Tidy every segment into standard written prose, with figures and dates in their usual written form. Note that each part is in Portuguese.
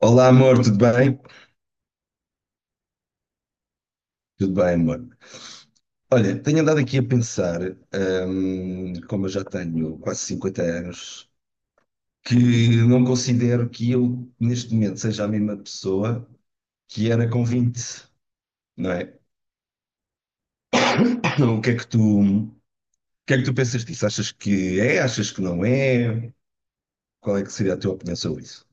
Olá, amor, tudo bem? Tudo bem, amor. Olha, tenho andado aqui a pensar, como eu já tenho quase 50 anos, que não considero que eu, neste momento, seja a mesma pessoa que era com 20, não é? O que é que tu, o que é que tu pensas disso? Achas que é? Achas que não é? Qual é que seria a tua opinião sobre isso?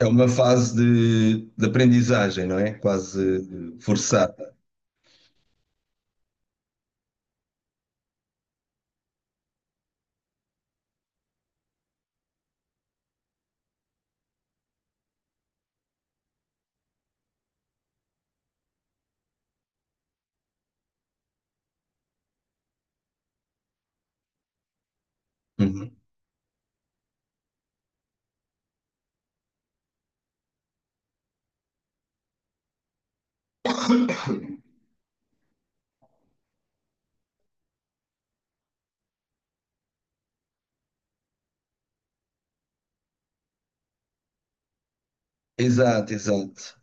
É uma fase de aprendizagem, não é? Quase forçada. Uhum. Exato, exato.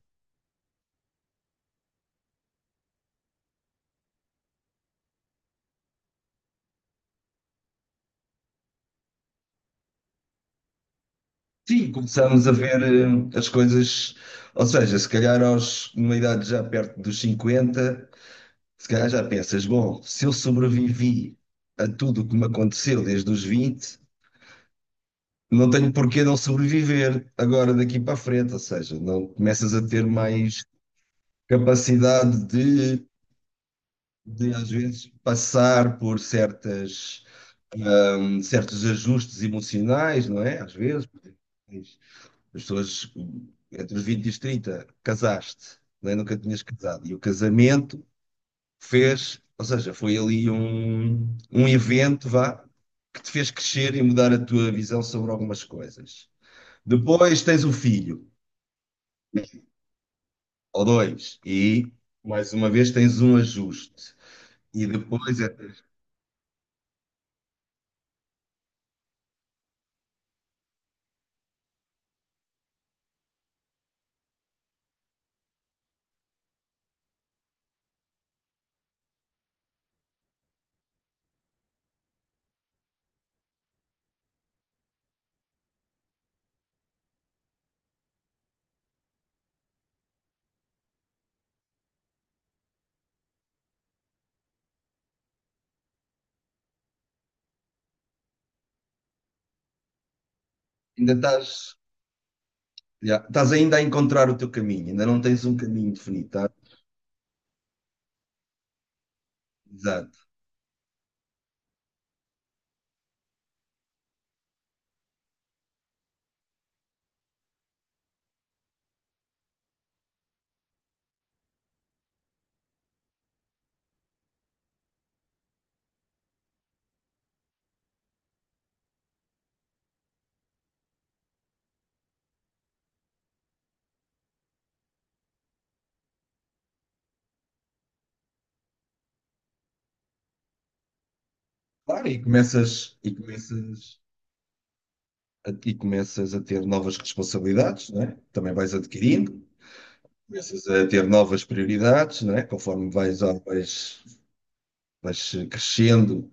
Sim, começámos a ver as coisas, ou seja, se calhar numa idade já perto dos cinquenta, se calhar já pensas, bom, se eu sobrevivi a tudo o que me aconteceu desde os 20, não tenho porquê não sobreviver agora daqui para a frente, ou seja, não começas a ter mais capacidade de às vezes passar por certas, certos ajustes emocionais, não é? Às vezes, as pessoas entre os 20 e os 30 casaste, né? Nunca tinhas casado. E o casamento fez, ou seja, foi ali um evento, vá, que te fez crescer e mudar a tua visão sobre algumas coisas. Depois tens um filho, ou dois, e mais uma vez tens um ajuste. E depois ainda estás, já, estás ainda a encontrar o teu caminho, ainda não tens um caminho definido, tá? Exato. Claro, e começas a ter novas responsabilidades, não é? Também vais adquirindo, começas a ter novas prioridades, não é? Conforme vais crescendo,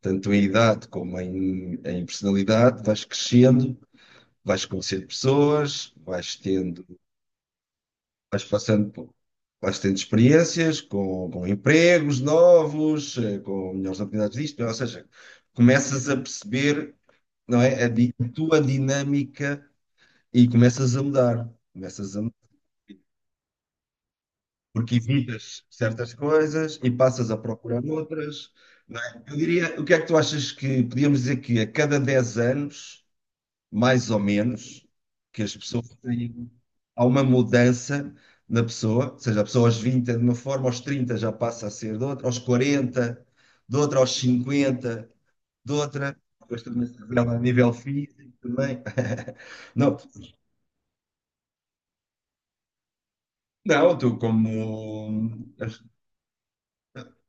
tanto em idade como em personalidade, vais crescendo, vais conhecendo pessoas, vais tendo, vais passando por. Vais tendo experiências com empregos novos, com melhores oportunidades disto, ou seja, começas a perceber, não é, a tua dinâmica e começas a mudar, porque evitas certas coisas e passas a procurar outras, não é? Eu diria, o que é que tu achas que podíamos dizer que a cada 10 anos, mais ou menos, que as pessoas têm, há uma mudança na pessoa, ou seja, a pessoa aos 20 é de uma forma, aos 30 já passa a ser de outra, aos 40 de outra, aos 50 de outra. Depois também se revela a nível físico também. Não, não, tu como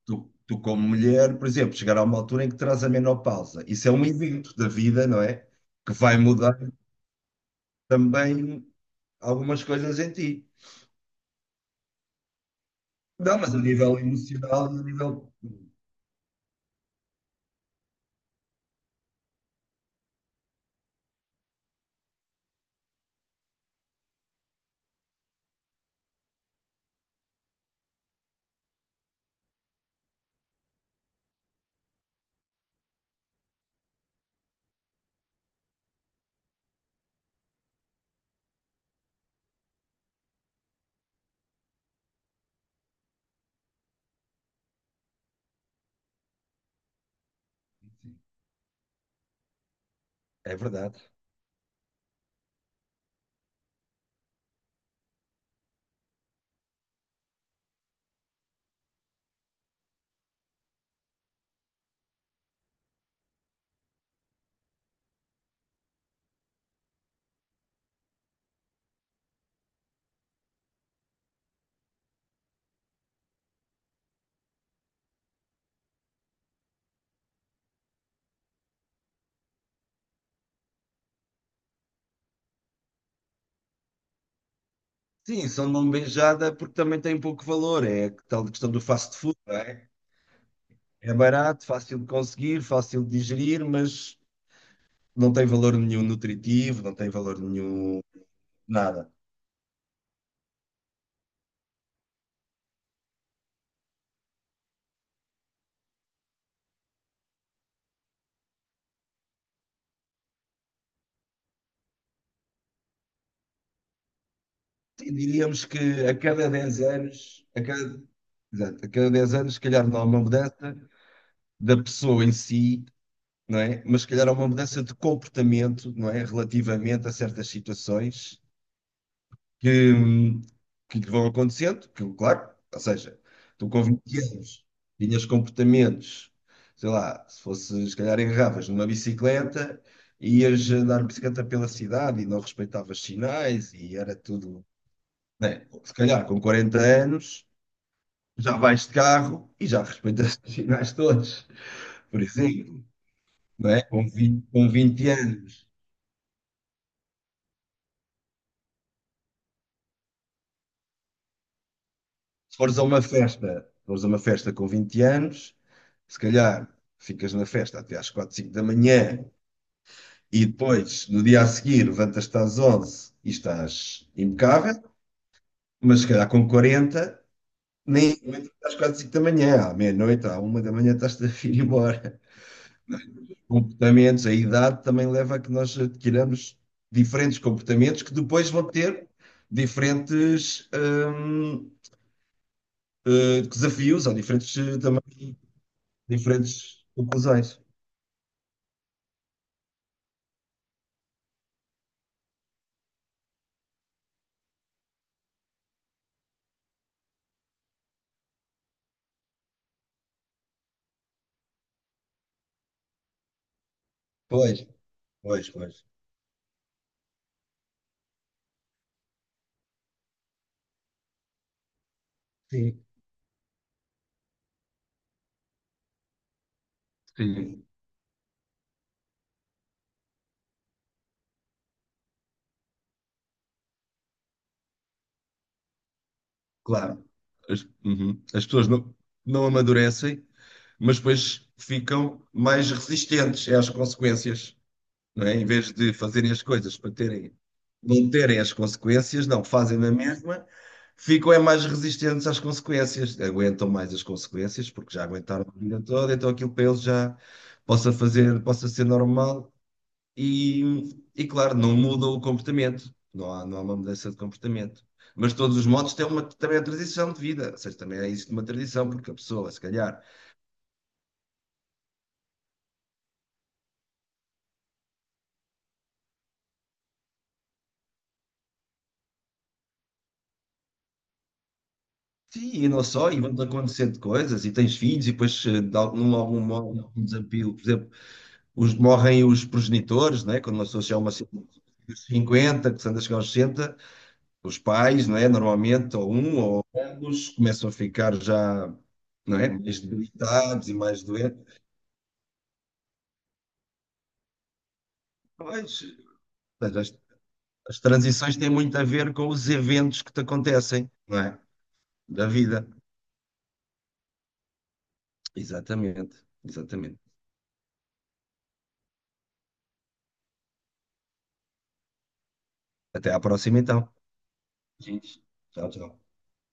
tu, tu como mulher, por exemplo, chegar a uma altura em que terás a menopausa. Isso é um evento da vida, não é? Que vai mudar também algumas coisas em ti. Não, mas a nível emocional e a nível. É verdade. Sim, são de mão beijada porque também tem pouco valor. É a tal questão do fast food, não é? É barato, fácil de conseguir, fácil de digerir, mas não tem valor nenhum nutritivo, não tem valor nenhum nada. Sim, diríamos que a cada 10 anos. A cada Exato. A cada 10 anos, se calhar não há uma mudança da pessoa em si, não é? Mas se calhar há uma mudança de comportamento, não é? Relativamente a certas situações que, hum, que lhe vão acontecendo, que, claro, ou seja, tu com 20 anos tinhas comportamentos, sei lá, se fosse, se calhar agarravas numa bicicleta, ias andar de bicicleta pela cidade e não respeitavas sinais e era tudo, não é? Se calhar com 40 anos, já vais de carro e já respeitas os sinais todos. Por exemplo, não é? Com vinte anos, se fores a uma festa, se fores a uma festa com 20 anos, se calhar ficas na festa até às 4, 5 da manhã e depois, no dia a seguir, levantas-te às 11 e estás impecável, mas se calhar com 40 nem aguentas até às 4, 5 da manhã, à meia-noite, à uma da manhã estás-te a vir embora. Comportamentos, a idade também leva a que nós adquiramos diferentes comportamentos que depois vão ter diferentes desafios ou diferentes também diferentes conclusões. Pois, pois, pois. Sim, sim. Claro. Uhum. As pessoas não, não amadurecem, mas depois ficam mais resistentes às consequências, não é? Em vez de fazerem as coisas para terem, não terem as consequências, não, fazem na mesma, ficam é mais resistentes às consequências, aguentam mais as consequências, porque já aguentaram a vida toda, então aquilo para eles já possa fazer, possa ser normal e, claro, não muda o comportamento, não há uma mudança de comportamento. Mas de todos os modos tem uma, também a tradição de vida, ou seja, também é isso de uma tradição, porque a pessoa, se calhar, sim, e não só, e vão-te acontecendo coisas, e tens filhos, e depois, de algum modo, de algum desafio, por exemplo, morrem os progenitores, né? Quando uma pessoa chega a uma dos 50, que se anda a chegar aos 60 os pais, não é? Normalmente, ou um ou ambos, começam a ficar já, não é? Mais debilitados e mais doentes. Mas, ou seja, as transições têm muito a ver com os eventos que te acontecem, não é? Da vida. Exatamente, exatamente. Até à próxima, então. Gente, tchau, tchau.